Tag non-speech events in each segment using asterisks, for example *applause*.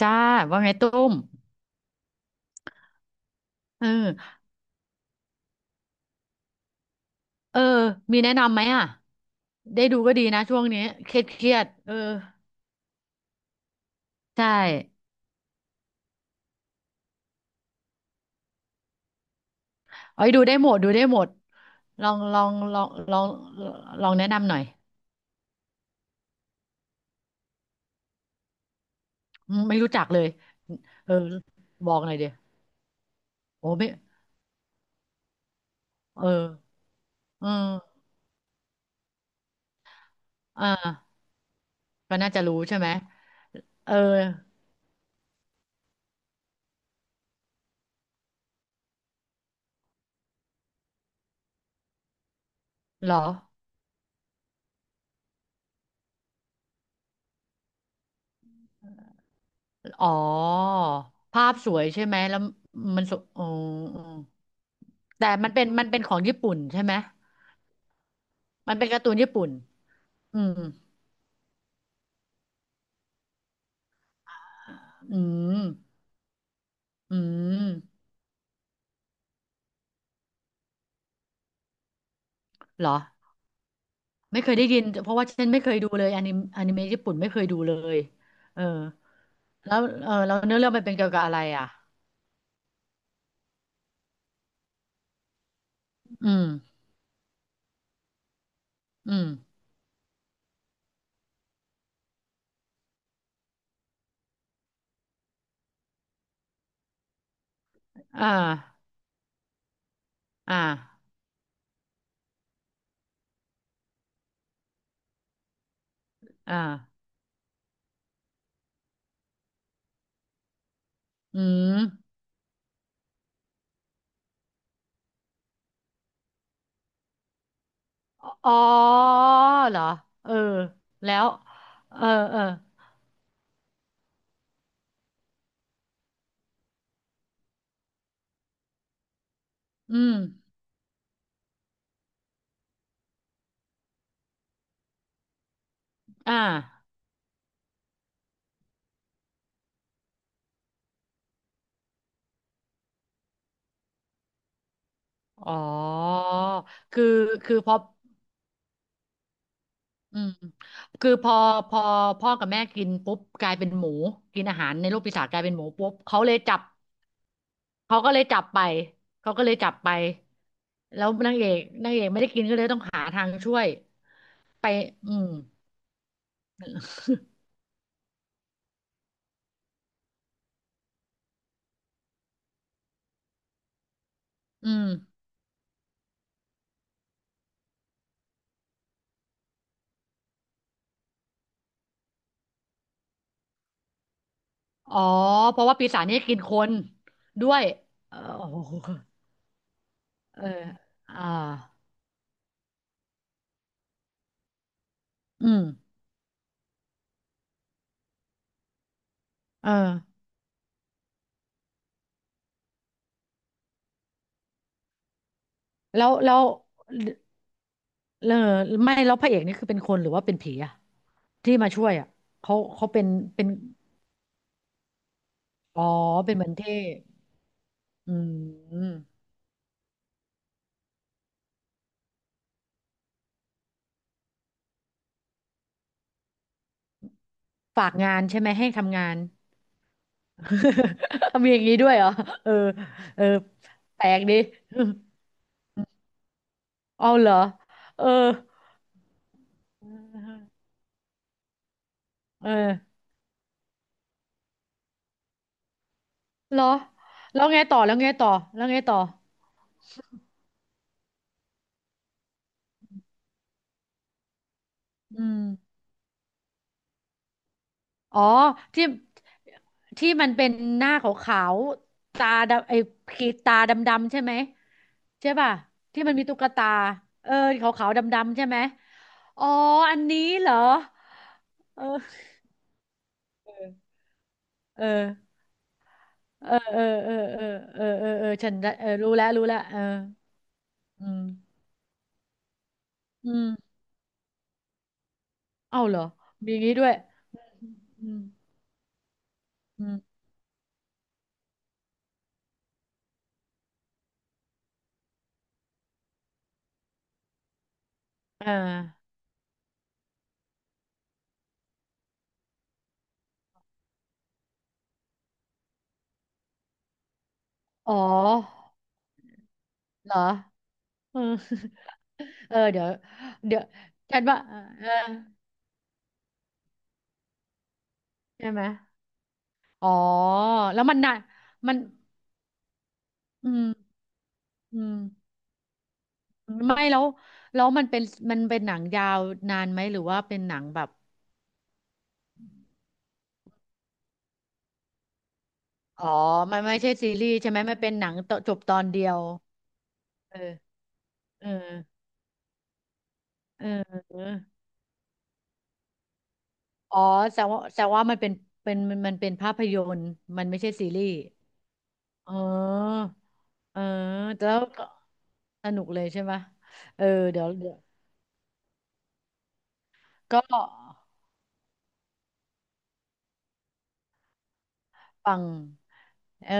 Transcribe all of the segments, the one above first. จ้าว่าไงตุ้มเออเออมีแนะนำไหมอ่ะได้ดูก็ดีนะช่วงนี้เครียดเออใช่เอาไปดูได้หมดดูได้หมดลองลองแนะนำหน่อยอืมไม่รู้จักเลยเออบอกหน่อยเดียวโอ้ไม่เออเอออ่าก็น่าจะรู้ใช่ไหมเออเหรออ๋อภาพสวยใช่ไหมแล้วมันสวยอ๋ออ๋อแต่มันเป็นของญี่ปุ่นใช่ไหมมันเป็นการ์ตูนญี่ปุ่น อืมอืมอืมเหรอไม่เคยได้ยินเพราะว่าฉันไม่เคยดูเลยอนิเมะญี่ปุ่นไม่เคยดูเลยเออแล้วเออแล้วเนื้อเรื่องมันเป็นเกี่ยวกับอะไรอ่ะอืมอืมอ่าอ่าอ่าอืมอ๋อเหรอเออแล้วเออเอออืมอ่าอ๋อคือคือพอ อืมคือพอพ่อกับแม่กินปุ๊บกลายเป็นหมูกินอาหารในโลกปีศาจกลายเป็นหมูปุ๊บเขาเลยจับเขาก็เลยจับไปเขาก็เลยจับไปแล้วนางเอกไม่ได้กินก็เลยต้องหาทางช่วยไปอืมอืมอ๋อเพราะว่าปีศาจนี่กินคนด้วยเออโอ้โหเอออ่าอืมเออแล้วแล้วเออไม่แล้วพระเอกนี่คือเป็นคนหรือว่าเป็นผีอะที่มาช่วยอะเขาเป็นเป็น อ๋อเป็นเหมือนเท่อืมฝากงานใช่ไหมให้ทำงาน *laughs* มีอย่างนี้ด้วยเหรอเออเออแปลกดิ *laughs* เอาเหรอเออเออเหรอแล้วไงต่อแล้วไงต่อแล้วไงต่ออืม อ๋อที่ที่มันเป็นหน้าขาวๆตาดำไอ้ขีดตาดำๆใช่ไหมใช่ป่ะที่มันมีตุ๊กตาเออขาวๆดำๆใช่ไหมอ๋ออันนี้เหรอเออเออเออเออเออเออเออเออเออฉันได้เออรู้แล้วรู้แล้วเอออืมอืมเอ้าเหรอมีอย่างนี้ด้วยอืมอืมอ่าอ๋อเหรอ เออ *laughs* เออเดี๋ยวเดี๋ยวฉันว่าเออใช่ไหมอ๋อแล้วมันน่ะมันอืมอืมไม่แล้วแล้วมันเป็นหนังยาวนานไหมหรือว่าเป็นหนังแบบอ๋อมันไม่ใช่ซีรีส์ใช่ไหมมันเป็นหนังตจบตอนเดียวเออเออเอออ๋อแสดงว่ามันเป็นเป็นมันเป็นภาพยนตร์มันไม่ใช่ซีรีส์อ๋อเออแล้วก็สนุกเลยใช่ไหมเออ เดี๋ยว ก็ฟัง เออ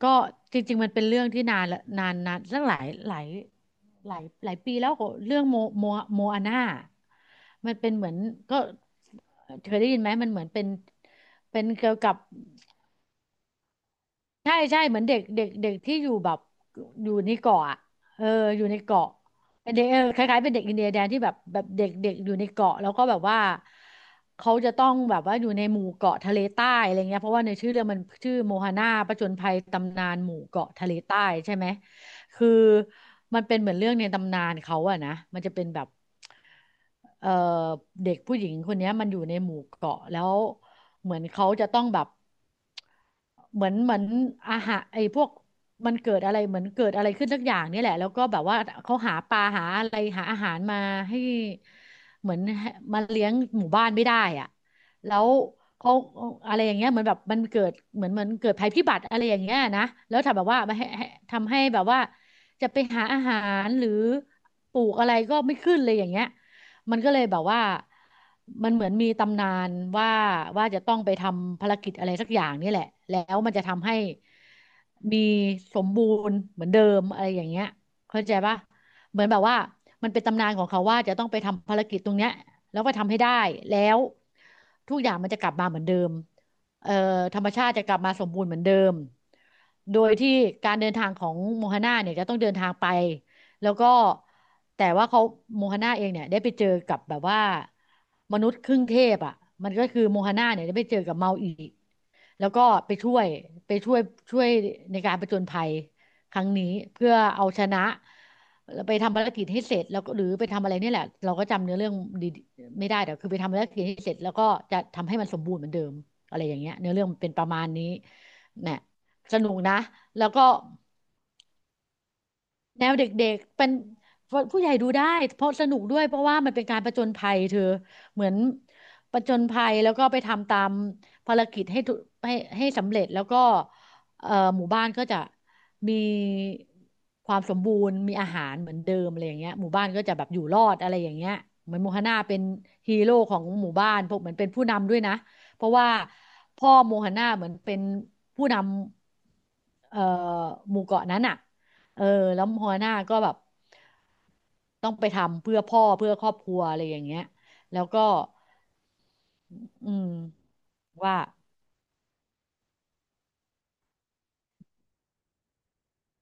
ก็จริงๆ มันเป็นเรื่องที่นานละนานตั้งหลายหลายหลายหลายปีแล้วก็เรื่องโมอาน่ามันเป็นเหมือนก็เคยได้ยินไหมมันเหมือนเป็นเป็นเกี่ยวกับ ใช่ใช่เหมือนเด็กเด็กเด็กที่อยู่แบบอยู่ในเกาะอะเอออยู่ในเกาะเป็นเด็กเออคล้ายๆเป็นเด็กอินเดียแดนที่แบบเด็กเด็กอยู่ในเกาะแล้วก็แบบว่าเขาจะต้องแบบว่าอยู่ในหมู่เกาะทะเลใต้อะไรเงี้ยเพราะว่าในชื่อเรื่องมันชื่อโมฮาน่าผจญภัยตำนานหมู่เกาะทะเลใต้ใช่ไหมคือมันเป็นเหมือนเรื่องในตำนานเขาอะนะมันจะเป็นแบบเออเด็กผู้หญิงคนเนี้ยมันอยู่ในหมู่เกาะแล้วเหมือนเขาจะต้องแบบ เหมือนอาหารไอ้พวกมันเกิดอะไรเหมือนเกิดอะไรขึ้นสักอย่างเนี่ยแหละแล้วก็แบบว่าเขาหาปลาหาอะไรหาอาหารมาให้เหมือนให้มาเลี้ยงหมู่บ้านไม่ได้อ่ะแล้วเขาอะไรอย่างเงี้ยเหมือนแบบมันเกิดเหมือนเกิดภัยพิบัติอะไรอย่างเงี้ยนะแล้วทำแบบว่าไม่ให้ให้ทำให้แบบว่าจะไปหารหรือปลูกอะไรก็ไม่ขึ้นเลยอย่างเงี้ย มันก็เลยแบบว่ามันเหมือนมีตำนานว่าว่าจะต้องไปทำภารกิจอะไรสักอย่างนี่แหละแล้วมันจะทำให้มีสมบูรณ์เหมือนเดิมอะไรอย่างเงี้ยเข้าใจปะเหมือนแบบว่ามันเป็นตำนานของเขาว่าจะต้องไปทำภารกิจตรงเนี้ยแล้วก็ทำให้ได้แล้วทุกอย่างมันจะกลับมาเหมือนเดิมเอ่อธรรมชาติจะกลับมาสมบูรณ์เหมือนเดิมโดยที่การเดินทางของโมฮาน่าเนี่ยจะต้องเดินทางไป แล้วก็แต่ว่าเขาโมฮาน่าเองเนี่ยได้ไปเจอกับแบบว่ามนุษย์ครึ่งเทพอ่ะมันก็คือโมฮาน่าเนี่ยได้ไปเจอกับเมาอีกแล้วก็ไปช่วยไปช่วยช่วยในการผจญภัยครั้งนี้เพื่อเอาชนะแล้วไปทำภารกิจให้เสร็จแล้วก็หรือไปทำอะไรเนี่ยแหละเราก็จำเนื้อเรื่องดีไม่ได้แต่คือไปทำภารกิจให้เสร็จแล้วก็จะทำให้มันสมบูรณ์เหมือนเดิมอะไรอย่างเงี้ยเนื้อเรื่องมันเป็นประมาณนี้เนี่ยสนุกนะแล้วก็ แนวเด็กๆเป็นผู้ใหญ่ดูได้เพราะสนุกด้วยเพราะว่ามันเป็นการผจญภัยเธอเหมือนผจญภัยแล้วก็ไปทำตามภารกิจให้ทุให้ให้สำเร็จแล้วก็เอ่อหมู่บ้านก็จะมีความสมบูรณ์มีอาหารเหมือนเดิมอะไรอย่างเงี้ยหมู่บ้านก็จะแบบอยู่รอดอะไรอย่างเงี้ยเหมือนโมฮาน่าเป็นฮีโร่ของหมู่บ้านพวกเหมือนเป็นผู้นำด้วยนะเพราะว่าพ่อโมฮาน่าเหมือนเป็นผู้นำหมู่เกาะนั้นอ่ะ เออแล้วหัวหน้าก็แบบต้องไปทำเพื่อพ่อเพื่อครอบครัวอะไรอย่างเงี้ยแล้วก็อืมว่า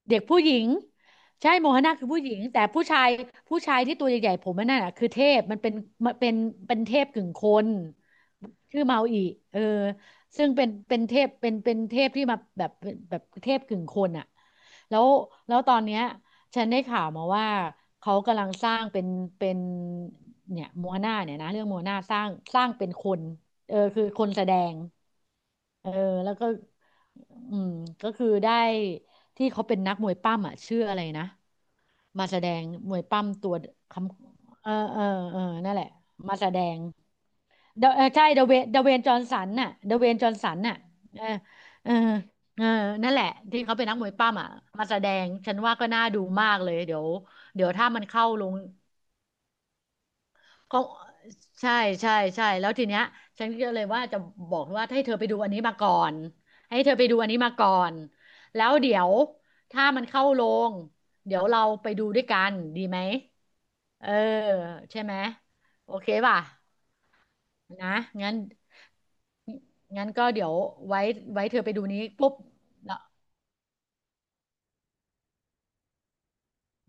เด็กผู้หญิงใช่โมฮนาคือผู้หญิงแต่ผู้ชายที่ตัวใหญ่ๆผมนั่นน่ะคือเทพมันเป็นมันเป็นเป็นเทพกึ่งคนชื่อเมาอีเออซึ่งเป็นเทพเป็นเทพที่มาแบบแบบเทพกึ่งคนอ่ะแล้วตอนเนี้ยฉันได้ข่าวมาว่าเขากำลังสร้างเป็นเป็นเนี่ยโมฮนาเนี่ยนะเรื่องโมฮนาสร้างเป็นคนเออคือคนแสดงเออแล้วก็อืมก็คือได้ ที่เขาเป็นนักมวยปั้มอ่ะชื่ออะไรนะมาแสดงมวยปั้มตัวคำเออเออเออนั่นแหละมาแสดงเดเออใช่เดเวนจอห์นสันน่ะเดเวนจอห์นสันน่ะเออเออเออนั่นแหละที่เขาเป็นนักมวยปั้มอ่ะมาแสดงฉันว่าก็น่าดูมากเลยเดี๋ยวถ้ามันเข้าลง เขาใช่ใช่ใช่แล้วทีเนี้ยฉันก็เลยว่าจะบอกว่าให้เธอไปดูอันนี้มาก่อนให้เธอไปดูอันนี้มาก่อนแล้วเดี๋ยวถ้ามันเข้าโรงเดี๋ยวเราไปดูด้วยกันดีไหมเออใช่ไหมโอเคป่ะนะงั้นก็เดี๋ยวไว้เธอไปดูนี้ปุ๊บแล้ว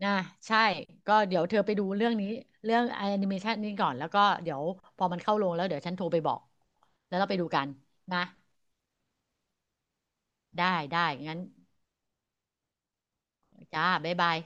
นะใช่ก็เดี๋ยวเธอไปดูเรื่องนี้เรื่องแอนิเมชันนี้ก่อนแล้วก็เดี๋ยวพอมันเข้าโรงแล้วเดี๋ยวฉันโทรไปบอกแล้วเราไปดูกันนะ ได้ได้งั้นจ้าบ๊ายบาย